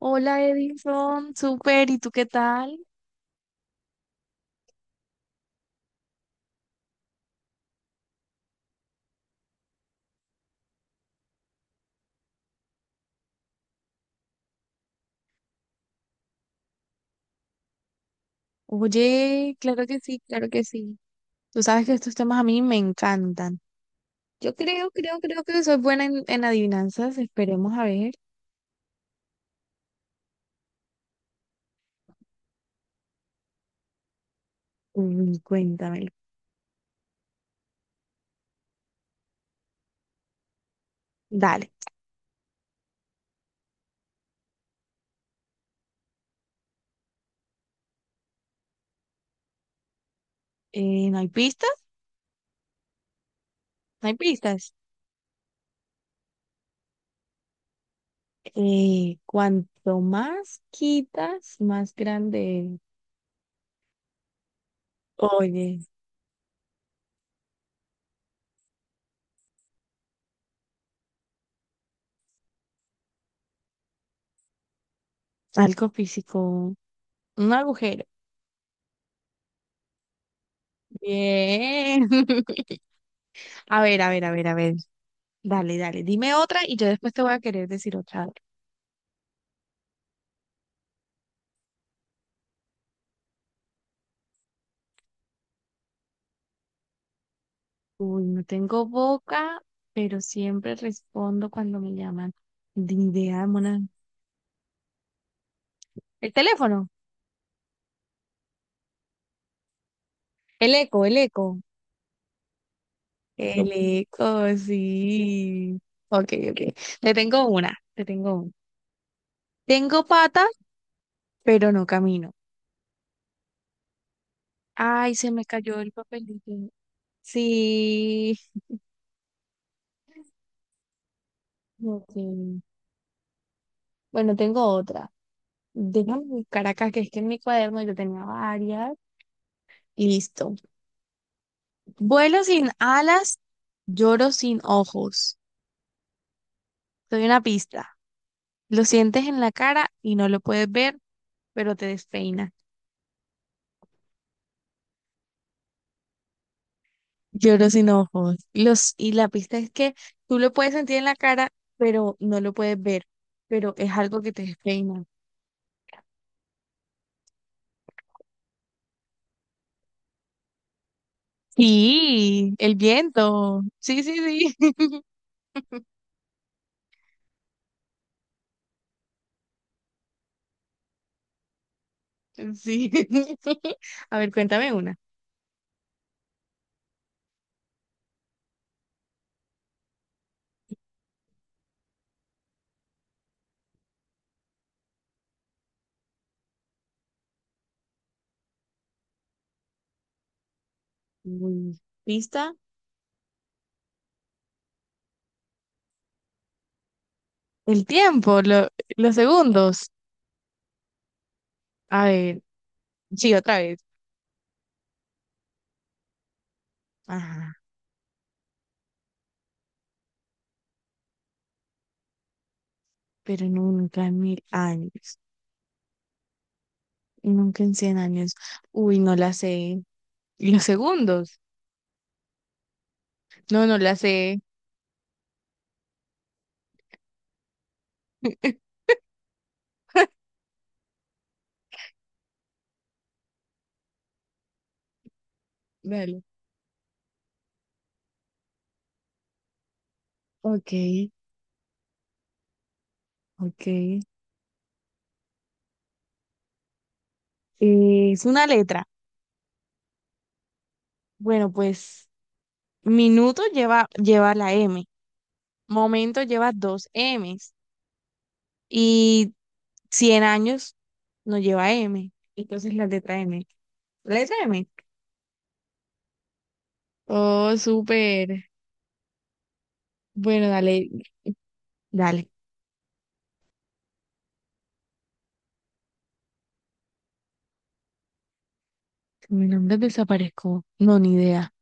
Hola Edison, súper, ¿y tú qué tal? Oye, claro que sí, claro que sí. Tú sabes que estos temas a mí me encantan. Yo creo que soy buena en adivinanzas. Esperemos a ver. Uy, cuéntamelo. Dale. ¿No hay pistas? No hay pistas. Cuanto más quitas, más grande es. Oye, algo físico. Un agujero. Bien. A ver, a ver, a ver, a ver. Dale, dale, dime otra y yo después te voy a querer decir otra. Uy, no tengo boca, pero siempre respondo cuando me llaman. Ni idea, mona. El teléfono, el eco, el eco. El eco, sí. Ok, ok. Te tengo una, te tengo una. Tengo patas, pero no camino. Ay, se me cayó el papelito. Sí, ok. Bueno, tengo otra. Déjame buscar acá, que es que en mi cuaderno yo tenía varias. Y listo. Vuelo sin alas, lloro sin ojos. Te doy una pista. Lo sientes en la cara y no lo puedes ver, pero te despeina. Lloro sin ojos. Y la pista es que tú lo puedes sentir en la cara, pero no lo puedes ver, pero es algo que te despeina. Sí, el viento. Sí, sí, sí. Sí. A ver, cuéntame una. Uy, pista. El tiempo, los segundos. A ver, sí, otra vez. Ajá. Pero nunca en 1.000 años, nunca en 100 años. Uy, no la sé. ¿Y los segundos? No, no la sé. Dale. Ok, ok. Es una letra. Bueno, pues minuto lleva la M, momento lleva dos Ms y 100 años no lleva M. Entonces la letra M. ¿La ¿Letra M? Oh, súper. Bueno, dale, dale. Mi nombre desapareció. No, ni idea.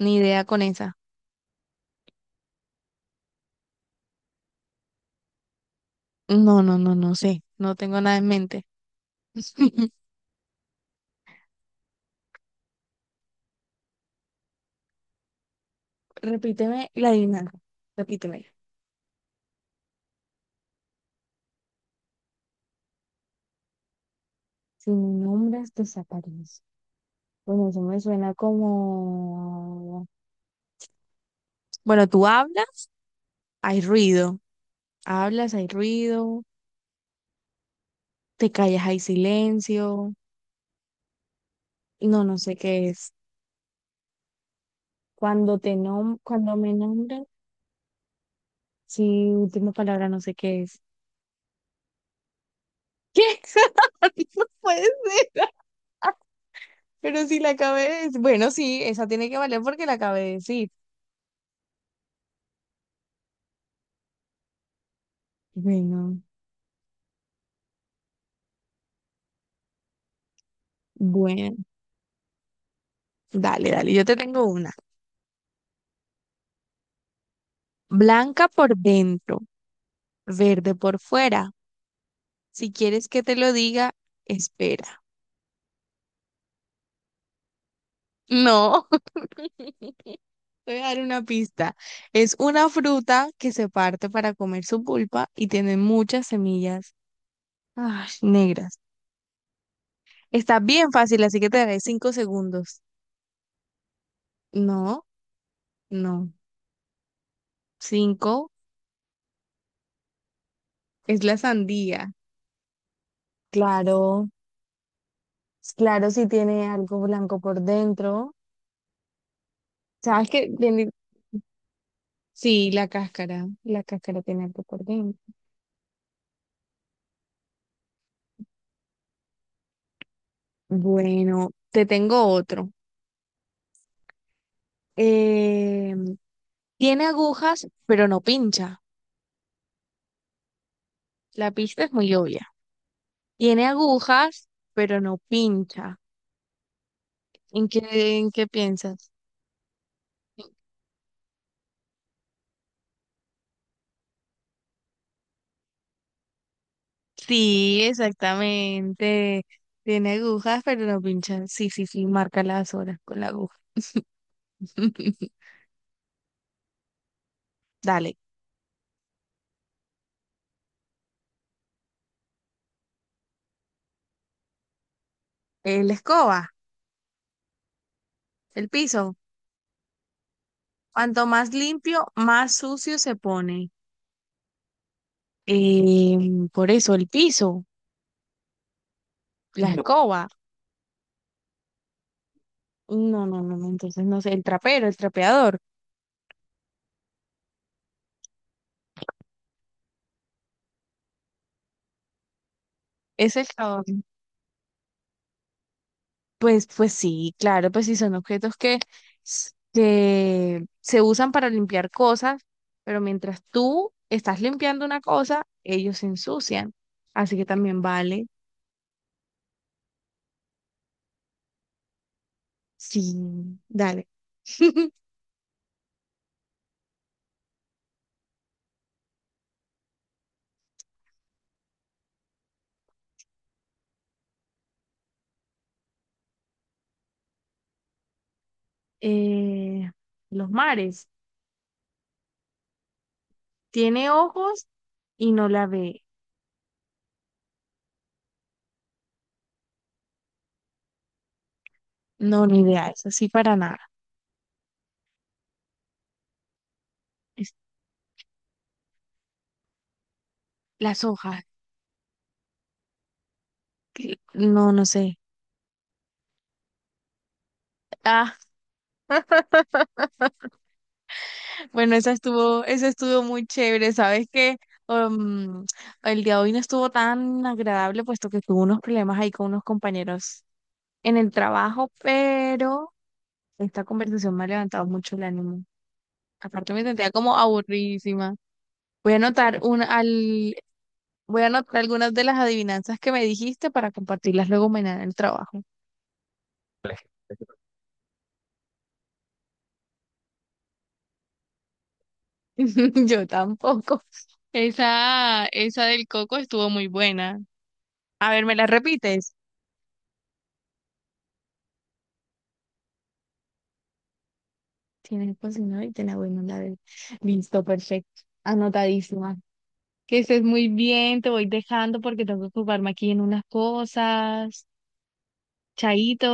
Ni idea con esa. No, no, no, no sé. No tengo nada en mente. Repíteme la adivinanza. Repíteme. Sin nombres desaparece. Bueno, eso me suena como... Bueno, tú hablas, hay ruido. Hablas, hay ruido. Te callas, hay silencio. No, no sé qué es. Cuando te nom cuando me nombras, sí, última palabra, no sé qué es. ¿Qué? No puede ser. Pero si la acabé de decir. Bueno, sí, esa tiene que valer porque la acabé de decir. Bueno, bueno, dale, dale, yo te tengo una. Blanca por dentro, verde por fuera. Si quieres que te lo diga, espera. No, te voy a dar una pista. Es una fruta que se parte para comer su pulpa y tiene muchas semillas ay, negras. Está bien fácil, así que te daré 5 segundos. No, no, cinco es la sandía. Claro, claro, si tiene algo blanco por dentro. Sabes que sí, la cáscara tiene algo por dentro. Bueno, te tengo otro. Eh, Tiene agujas, pero no pincha. La pista es muy obvia. Tiene agujas, pero no pincha. ¿En qué piensas? Sí, exactamente. Tiene agujas, pero no pincha. Sí, sí, sí, marca las horas con la aguja. Dale. La escoba, el piso. Cuanto más limpio, más sucio se pone. Por eso, el piso, la no. Escoba. No, no, no, no, entonces no sé, el trapero, el trapeador, ese es el jabón. Pues, pues sí, claro, pues sí, son objetos que, que se usan para limpiar cosas, pero mientras tú estás limpiando una cosa, ellos se ensucian. Así que también vale, sí, dale. Eh, los mares, tiene ojos y no la ve. No, ni idea, eso sí, para nada. Es- Las hojas. No, no sé. Ah, bueno, esa estuvo muy chévere. Sabes que el día de hoy no estuvo tan agradable, puesto que tuve unos problemas ahí con unos compañeros en el trabajo, pero esta conversación me ha levantado mucho el ánimo. Aparte me sentía como aburridísima. Voy a anotar una al, voy a anotar algunas de las adivinanzas que me dijiste para compartirlas luego mañana en el trabajo. Yo tampoco. Esa del coco estuvo muy buena. A ver, ¿me la repites? Tienes cocinado y te la voy a mandar. Listo, perfecto. Anotadísima. Que estés muy bien, te voy dejando porque tengo que ocuparme aquí en unas cosas. Chaito.